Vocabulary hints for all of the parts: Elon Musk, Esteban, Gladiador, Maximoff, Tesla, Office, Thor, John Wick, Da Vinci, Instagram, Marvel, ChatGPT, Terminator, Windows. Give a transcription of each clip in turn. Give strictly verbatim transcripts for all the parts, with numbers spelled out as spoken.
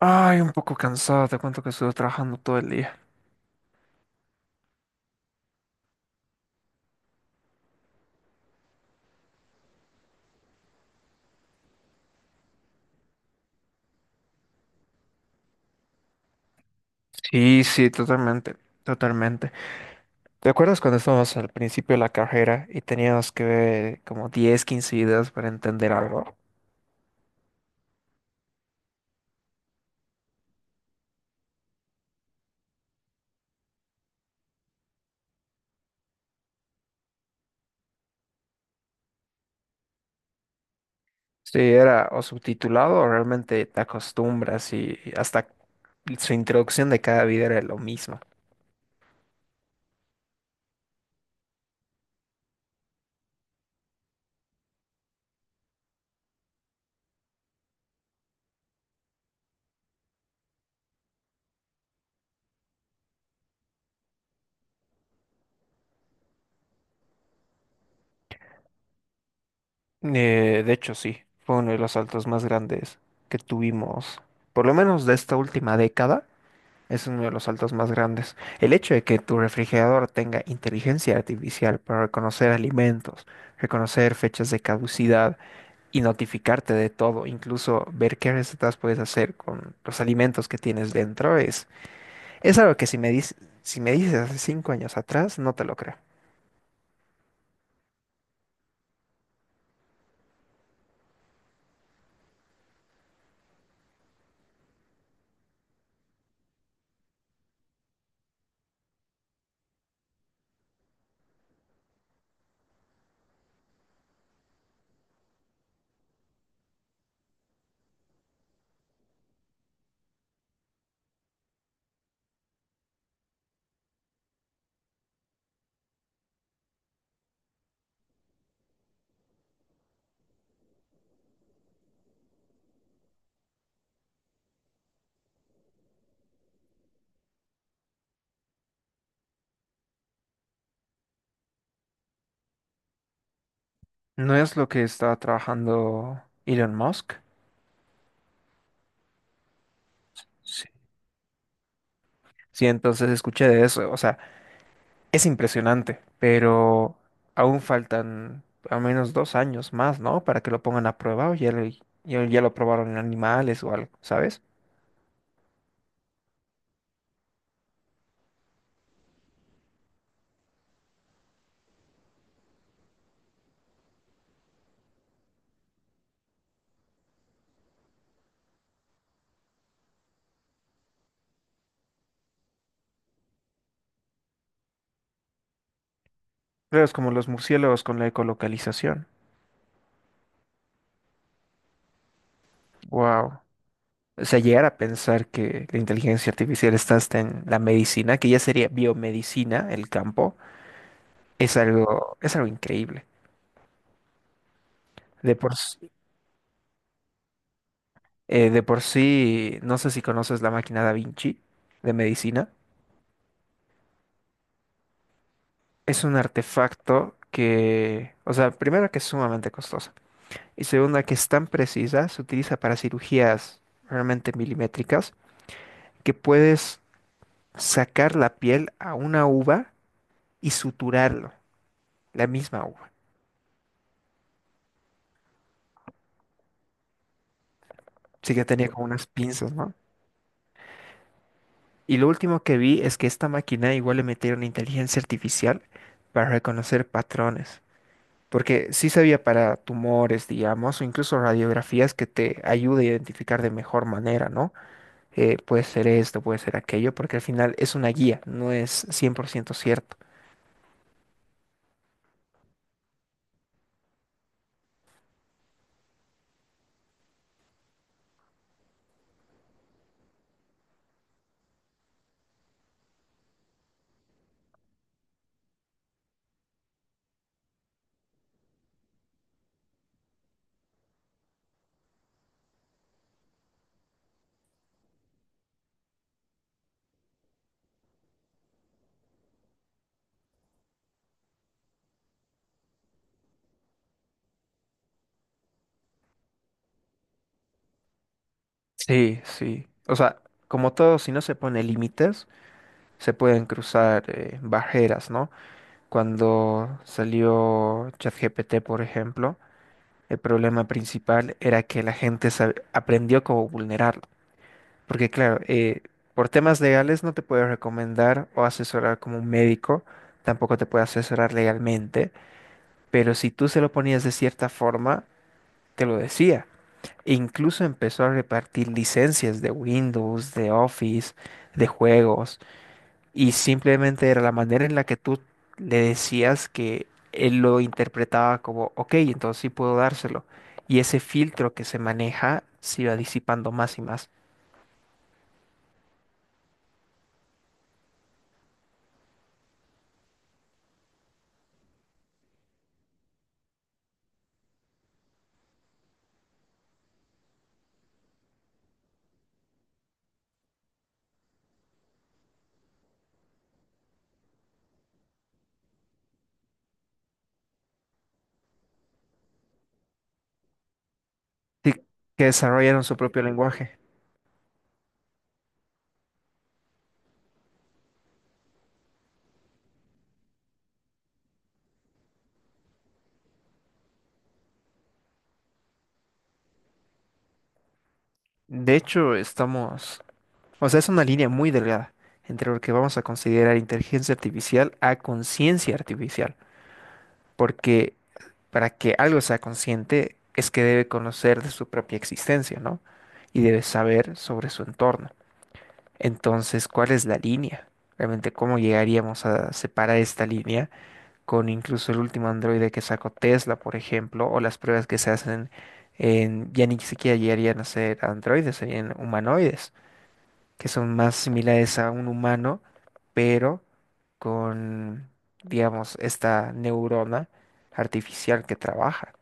Ay, un poco cansado, te cuento que estuve trabajando todo el día. Sí, sí, totalmente, totalmente. ¿Te acuerdas cuando estábamos al principio de la carrera y teníamos que ver como diez, quince videos para entender algo? Sí, era o subtitulado o realmente te acostumbras y hasta su introducción de cada video era lo mismo. Eh, de hecho, sí, fue uno de los saltos más grandes que tuvimos, por lo menos de esta última década, es uno de los saltos más grandes. El hecho de que tu refrigerador tenga inteligencia artificial para reconocer alimentos, reconocer fechas de caducidad y notificarte de todo, incluso ver qué recetas puedes hacer con los alimentos que tienes dentro, es, es algo que si me dices, si me dices hace cinco años atrás, no te lo creo. ¿No es lo que está trabajando Elon Musk? Sí, entonces escuché de eso, o sea, es impresionante, pero aún faltan al menos dos años más, ¿no? Para que lo pongan a prueba o ya lo, ya, ya lo probaron en animales o algo, ¿sabes? Claro, es como los murciélagos con la ecolocalización. Wow. O sea, llegar a pensar que la inteligencia artificial está hasta en la medicina, que ya sería biomedicina, el campo, es algo, es algo increíble. De por, s- eh, de por sí, no sé si conoces la máquina Da Vinci de medicina. Es un artefacto que, o sea, primero que es sumamente costoso y segunda que es tan precisa, se utiliza para cirugías realmente milimétricas, que puedes sacar la piel a una uva y suturarlo, la misma uva. Sí que tenía como unas pinzas, ¿no? Y lo último que vi es que esta máquina igual le metieron inteligencia artificial para reconocer patrones. Porque sí sabía para tumores, digamos, o incluso radiografías que te ayude a identificar de mejor manera, ¿no? Eh, puede ser esto, puede ser aquello, porque al final es una guía, no es cien por ciento cierto. Sí, sí. O sea, como todo, si no se pone límites, se pueden cruzar eh, barreras, ¿no? Cuando salió ChatGPT, por ejemplo, el problema principal era que la gente sab- aprendió cómo vulnerarlo. Porque claro, eh, por temas legales no te puede recomendar o asesorar como un médico, tampoco te puede asesorar legalmente, pero si tú se lo ponías de cierta forma, te lo decía. E incluso empezó a repartir licencias de Windows, de Office, de juegos. Y simplemente era la manera en la que tú le decías que él lo interpretaba como, ok, entonces sí puedo dárselo. Y ese filtro que se maneja se iba disipando más y más. Sí, que desarrollaron su propio lenguaje. De hecho, estamos, o sea, es una línea muy delgada entre lo que vamos a considerar inteligencia artificial a conciencia artificial. Porque para que algo sea consciente es que debe conocer de su propia existencia, ¿no? Y debe saber sobre su entorno. Entonces, ¿cuál es la línea? Realmente, ¿cómo llegaríamos a separar esta línea con incluso el último androide que sacó Tesla, por ejemplo, o las pruebas que se hacen en, ya ni siquiera llegarían a ser androides, serían humanoides, que son más similares a un humano, pero con, digamos, esta neurona artificial que trabaja.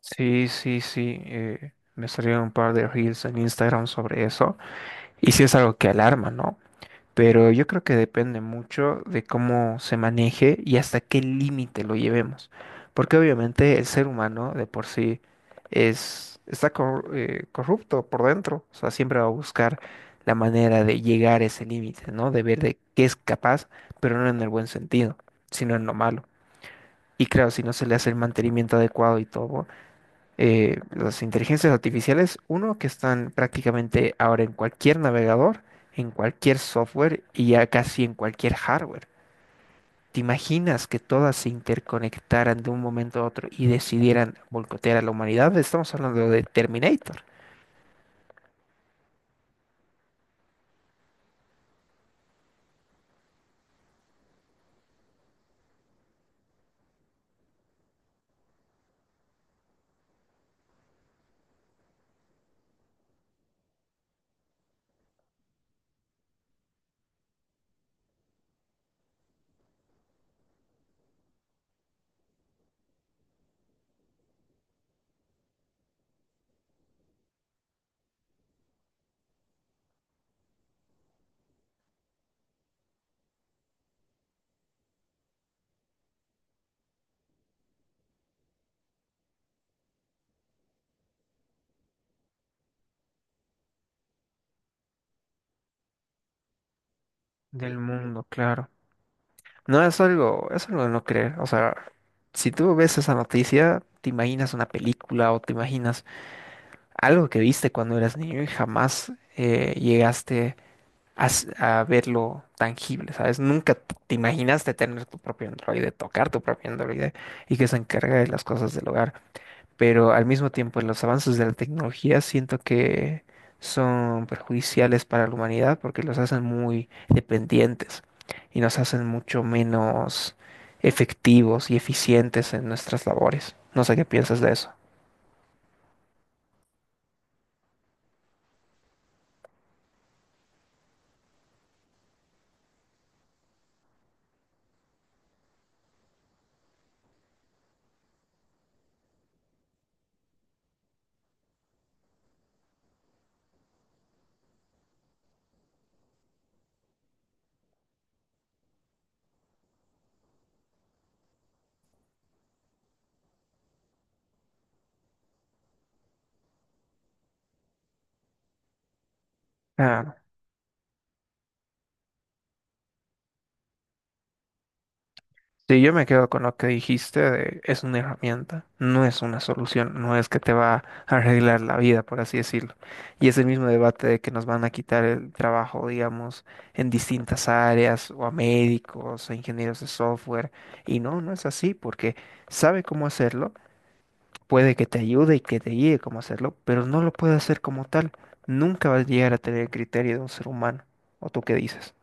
Sí, sí, sí. Eh, me salieron un par de reels en Instagram sobre eso. Y sí es algo que alarma, ¿no? Pero yo creo que depende mucho de cómo se maneje y hasta qué límite lo llevemos. Porque obviamente el ser humano de por sí es, está cor- eh, corrupto por dentro. O sea, siempre va a buscar la manera de llegar a ese límite, ¿no? De ver de qué es capaz, pero no en el buen sentido, sino en lo malo. Y claro, si no se le hace el mantenimiento adecuado y todo eh, las inteligencias artificiales, uno, que están prácticamente ahora en cualquier navegador, en cualquier software y ya casi en cualquier hardware. ¿Te imaginas que todas se interconectaran de un momento a otro y decidieran boicotear a la humanidad? Estamos hablando de Terminator, del mundo, claro. No es algo, Es algo de no creer. O sea, si tú ves esa noticia, te imaginas una película o te imaginas algo que viste cuando eras niño y jamás eh, llegaste a, s- a verlo tangible, ¿sabes? Nunca t- te imaginaste tener tu propio androide, tocar tu propio androide y que se encargue de las cosas del hogar. Pero al mismo tiempo, los avances de la tecnología siento que son perjudiciales para la humanidad porque los hacen muy dependientes y nos hacen mucho menos efectivos y eficientes en nuestras labores. No sé qué piensas de eso. Ah. Sí, yo me quedo con lo que dijiste de es una herramienta, no es una solución, no es que te va a arreglar la vida, por así decirlo. Y es el mismo debate de que nos van a quitar el trabajo, digamos, en distintas áreas, o a médicos, a ingenieros de software. Y no, no es así, porque sabe cómo hacerlo, puede que te ayude y que te guíe cómo hacerlo, pero no lo puede hacer como tal. Nunca vas a llegar a tener el criterio de un ser humano. ¿O tú qué dices?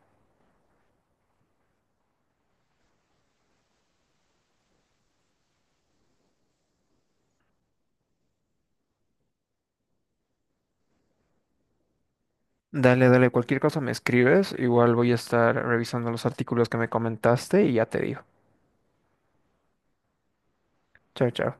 Dale, dale, cualquier cosa me escribes, igual voy a estar revisando los artículos que me comentaste y ya te digo. Chao, chao.